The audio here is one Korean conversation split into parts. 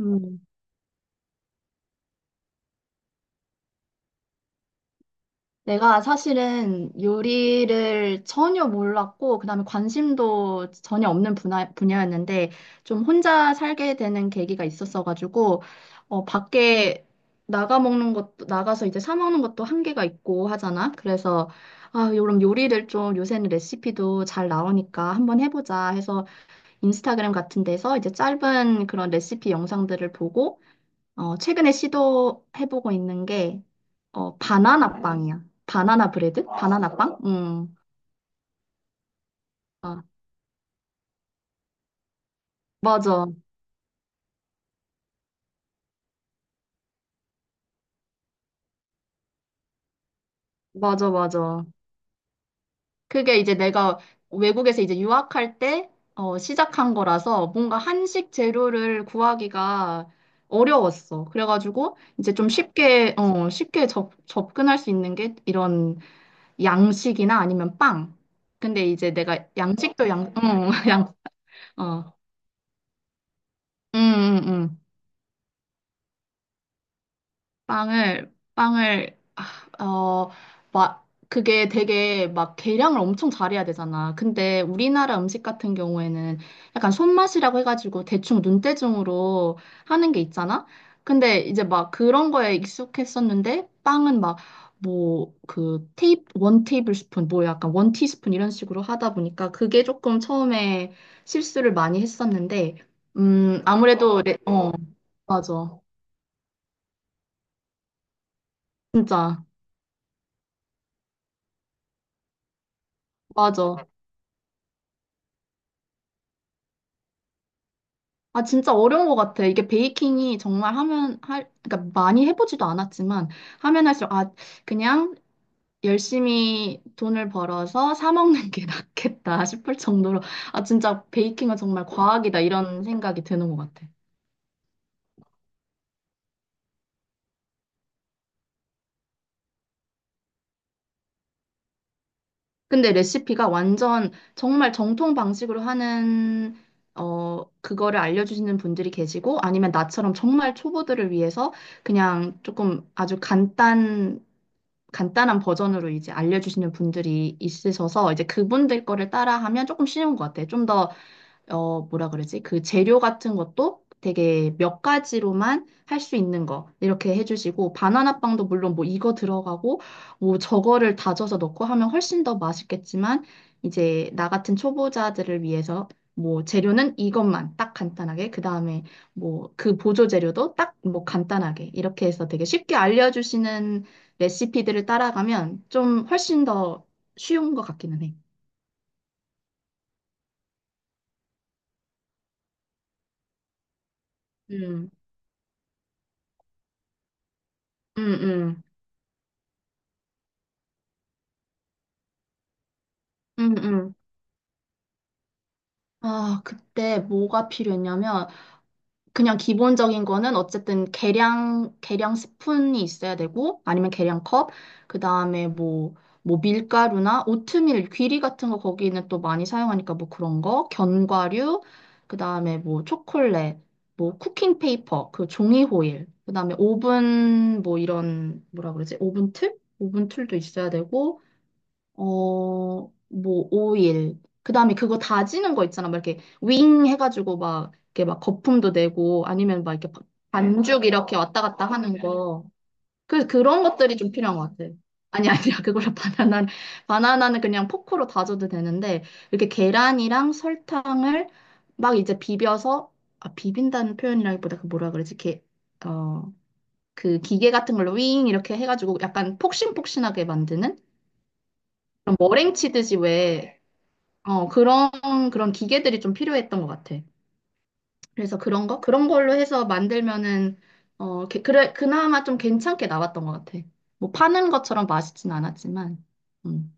음, 내가 사실은 요리를 전혀 몰랐고, 그다음에 관심도 전혀 없는 분야였는데, 좀 혼자 살게 되는 계기가 있었어가지고, 밖에 나가 먹는 것도, 나가서 이제 사 먹는 것도 한계가 있고 하잖아. 그래서, 그럼 요리를 좀 요새는 레시피도 잘 나오니까 한번 해보자 해서 인스타그램 같은 데서 이제 짧은 그런 레시피 영상들을 보고, 최근에 시도해보고 있는 게, 바나나 빵이야. 바나나 브레드? 바나나 빵? 응. 아, 맞아. 맞아, 맞아. 그게 이제 내가 외국에서 이제 유학할 때, 시작한 거라서 뭔가 한식 재료를 구하기가 어려웠어. 그래가지고 이제 좀 쉽게, 쉽게 접근할 수 있는 게 이런 양식이나 아니면 빵. 근데 이제 내가 양식도 응, 양, 어. 응, 응, 응. 빵을 빵을 아, 어, 막 그게 되게 막 계량을 엄청 잘해야 되잖아. 근데 우리나라 음식 같은 경우에는 약간 손맛이라고 해가지고 대충 눈대중으로 하는 게 있잖아. 근데 이제 막 그런 거에 익숙했었는데 빵은 막 뭐 그 테이 원 테이블 스푼 뭐 약간 원 티스푼 이런 식으로 하다 보니까 그게 조금 처음에 실수를 많이 했었는데 아무래도. 맞아. 진짜. 맞아. 진짜 어려운 것 같아. 이게 베이킹이 정말 그러니까 많이 해보지도 않았지만, 하면 할수록, 그냥 열심히 돈을 벌어서 사 먹는 게 낫겠다 싶을 정도로, 진짜 베이킹은 정말 과학이다. 이런 생각이 드는 것 같아. 근데 레시피가 완전 정말 정통 방식으로 하는, 그거를 알려주시는 분들이 계시고, 아니면 나처럼 정말 초보들을 위해서 그냥 조금 아주 간단한 버전으로 이제 알려주시는 분들이 있으셔서 이제 그분들 거를 따라하면 조금 쉬운 것 같아요. 좀더 뭐라 그러지? 그 재료 같은 것도 되게 몇 가지로만 할 수 있는 거 이렇게 해주시고 바나나 빵도 물론 뭐 이거 들어가고 뭐 저거를 다져서 넣고 하면 훨씬 더 맛있겠지만 이제 나 같은 초보자들을 위해서 뭐 재료는 이것만 딱 간단하게 그 다음에 뭐 그 보조 재료도 딱 뭐 간단하게 이렇게 해서 되게 쉽게 알려주시는 레시피들을 따라가면 좀 훨씬 더 쉬운 것 같기는 해. 음. 음. 음. 음. 음. 그때 뭐가 필요했냐면, 그냥 기본적인 거는 어쨌든 계량 스푼이 있어야 되고, 아니면 계량 컵, 그 다음에 뭐 밀가루나 오트밀, 귀리 같은 거 거기는 또 많이 사용하니까 뭐 그런 거, 견과류, 그 다음에 뭐 초콜릿, 뭐 쿠킹 페이퍼, 그 종이 호일, 그 다음에 오븐, 뭐 이런, 뭐라 그러지? 오븐 틀? 오븐 툴도 있어야 되고, 뭐, 오일. 그 다음에 그거 다지는 거 있잖아. 막 이렇게 윙 해가지고 막, 이렇게 막 거품도 내고 아니면 막 이렇게 반죽 이렇게 왔다 갔다 하는 거. 그런 것들이 좀 필요한 것 같아. 아니, 아니야. 그거를 바나나는 그냥 포크로 다져도 되는데, 이렇게 계란이랑 설탕을 막 이제 비벼서, 비빈다는 표현이라기보다 그 뭐라 그러지? 어, 그 기계 같은 걸로 윙 이렇게 해가지고 약간 폭신폭신하게 만드는? 그런 머랭 치듯이 왜 어, 그런, 그런 기계들이 좀 필요했던 것 같아. 그래서 그런 거? 그런 걸로 해서 만들면은, 그래, 그나마 좀 괜찮게 나왔던 것 같아. 뭐 파는 것처럼 맛있진 않았지만. 음.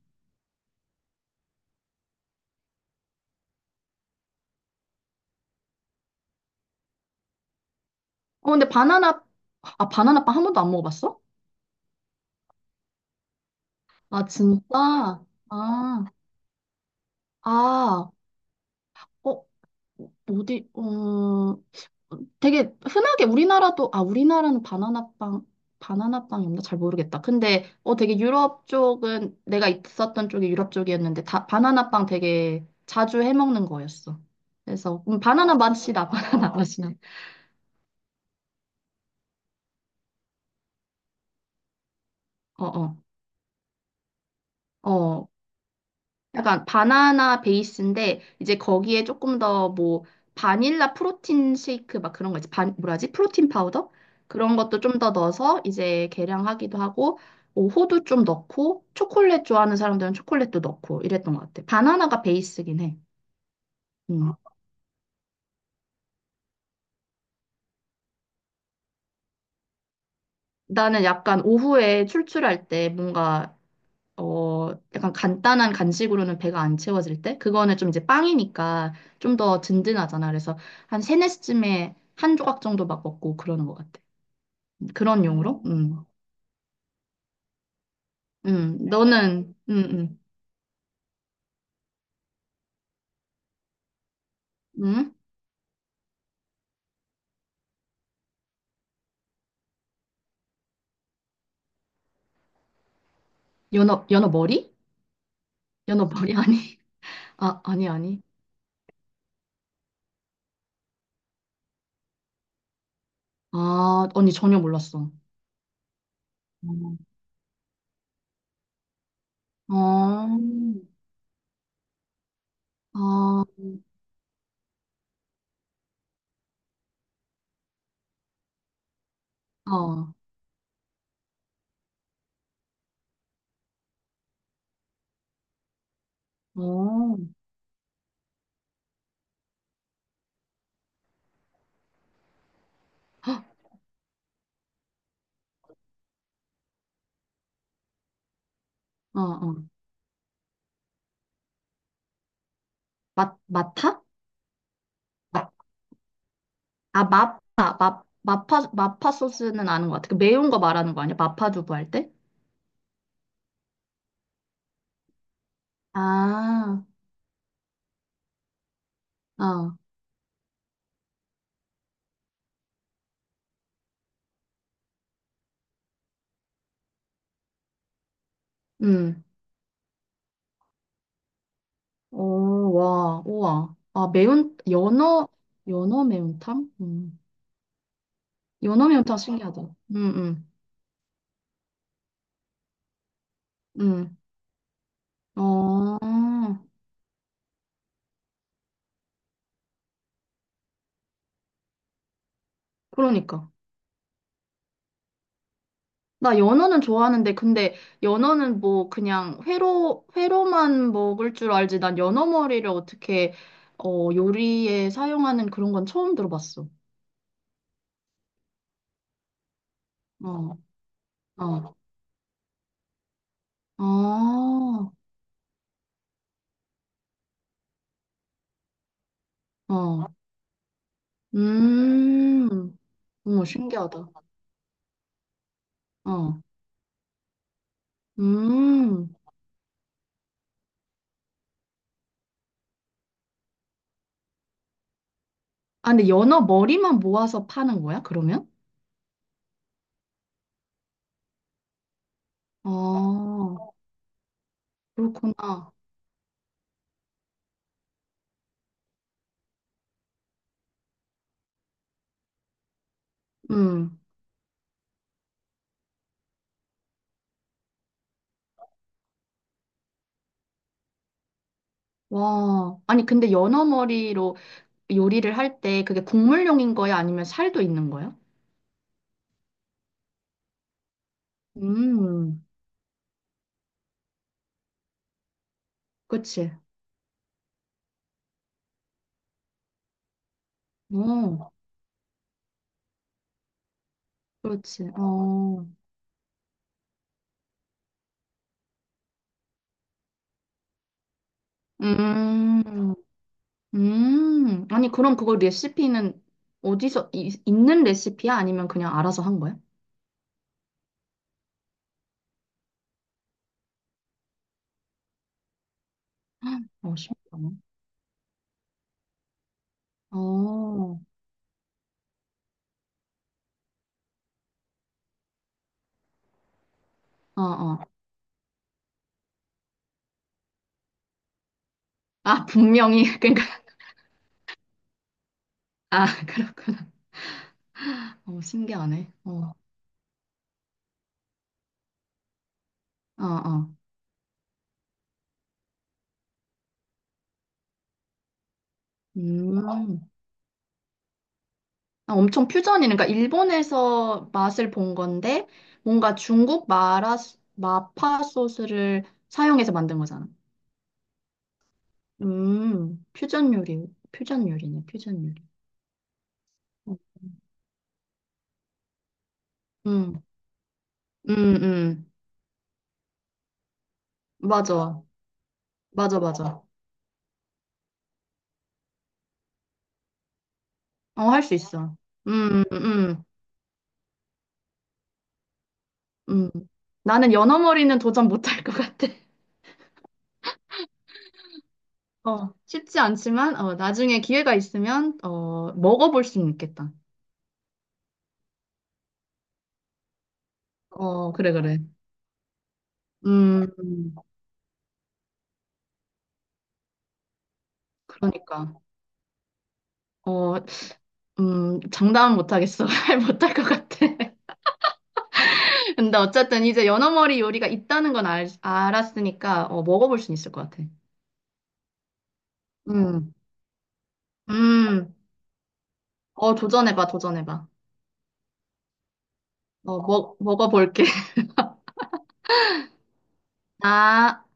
근데 바나나, 바나나빵 한 번도 안 먹어봤어? 아, 진짜? 아, 아, 어, 어디, 되게 흔하게 우리나라도 우리나라는 바나나 빵 바나나 빵이 없나 잘 모르겠다. 근데 되게 유럽 쪽은 내가 있었던 쪽이 유럽 쪽이었는데 다 바나나 빵 되게 자주 해 먹는 거였어. 그래서 바나나 맛이 나, 바나나 맛이 나. 어어. 어, 어. 약간 바나나 베이스인데 이제 거기에 조금 더 뭐 바닐라 프로틴 쉐이크 막 그런 거 있지. 반 뭐라지? 프로틴 파우더? 그런 것도 좀 더 넣어서 이제 계량하기도 하고 뭐 호두 좀 넣고 초콜릿 좋아하는 사람들은 초콜릿도 넣고 이랬던 것 같아. 바나나가 베이스긴 해. 음. 나는 약간 오후에 출출할 때 뭔가 약간 간단한 간식으로는 배가 안 채워질 때? 그거는 좀 이제 빵이니까 좀 더 든든하잖아. 그래서 한 세네 시쯤에 한 조각 정도 막 먹고 그러는 것 같아. 그런 용으로? 음. 음. 음. 너는, 음, 음? 연어, 연어 머리? 연어 머리 아니? 아니, 아니. 언니 전혀 몰랐어. 음. 어. 아. 어. 어. 어, 어. 마타? 마파 소스는 아는 것 같아. 그 매운 거 말하는 거 아니야? 마파 두부 할 때? 아. 어. 음. 오, 와, 우와. 연어 매운탕? 음. 연어 매운탕 신기하다. 음. 음. 음. 어, 그러니까. 나 연어는 좋아하는데, 근데 연어는 뭐 그냥 회로만 먹을 줄 알지. 난 연어 머리를 어떻게, 요리에 사용하는 그런 건 처음 들어봤어. 어. 어. 아, 어, 음, 어머, 신기하다. 어. 음. 근데 연어 머리만 모아서 파는 거야, 그러면? 아, 그렇구나. 음. 와. 아니, 근데 연어 머리로 요리를 할 때 그게 국물용인 거야? 아니면 살도 있는 거야? 음. 그치. 어, 그렇지. 어. 음. 음. 아니, 그럼 그거 레시피는 어디서, 있는 레시피야? 아니면 그냥 알아서 한 거야? 신기하네. 어. 어. 어. 분명히, 그러니까, 그렇구나. 신기하네. 어. 어. 어. 음, 엄청 퓨전이네. 그러니까 일본에서 맛을 본 건데, 뭔가 중국 마라, 마파 소스를 사용해서 만든 거잖아. 퓨전 요리, 퓨전 요리네, 퓨전 요리. 어. 음. 음. 음. 맞아. 맞아, 맞아. 할 수 있어. 음. 음. 음. 음. 나는 연어머리는 도전 못할 것 같아. 어, 쉽지 않지만, 나중에 기회가 있으면, 먹어볼 수는 있겠다. 어, 그래, 그래. 음. 그러니까. 어, 장담은 못하겠어. 못할 것 같아. 근데 어쨌든 이제 연어머리 요리가 있다는 건 알았으니까, 먹어볼 수 있을 것 같아. 음. 음. 어, 도전해봐, 도전해봐. 어, 먹어볼게. 아.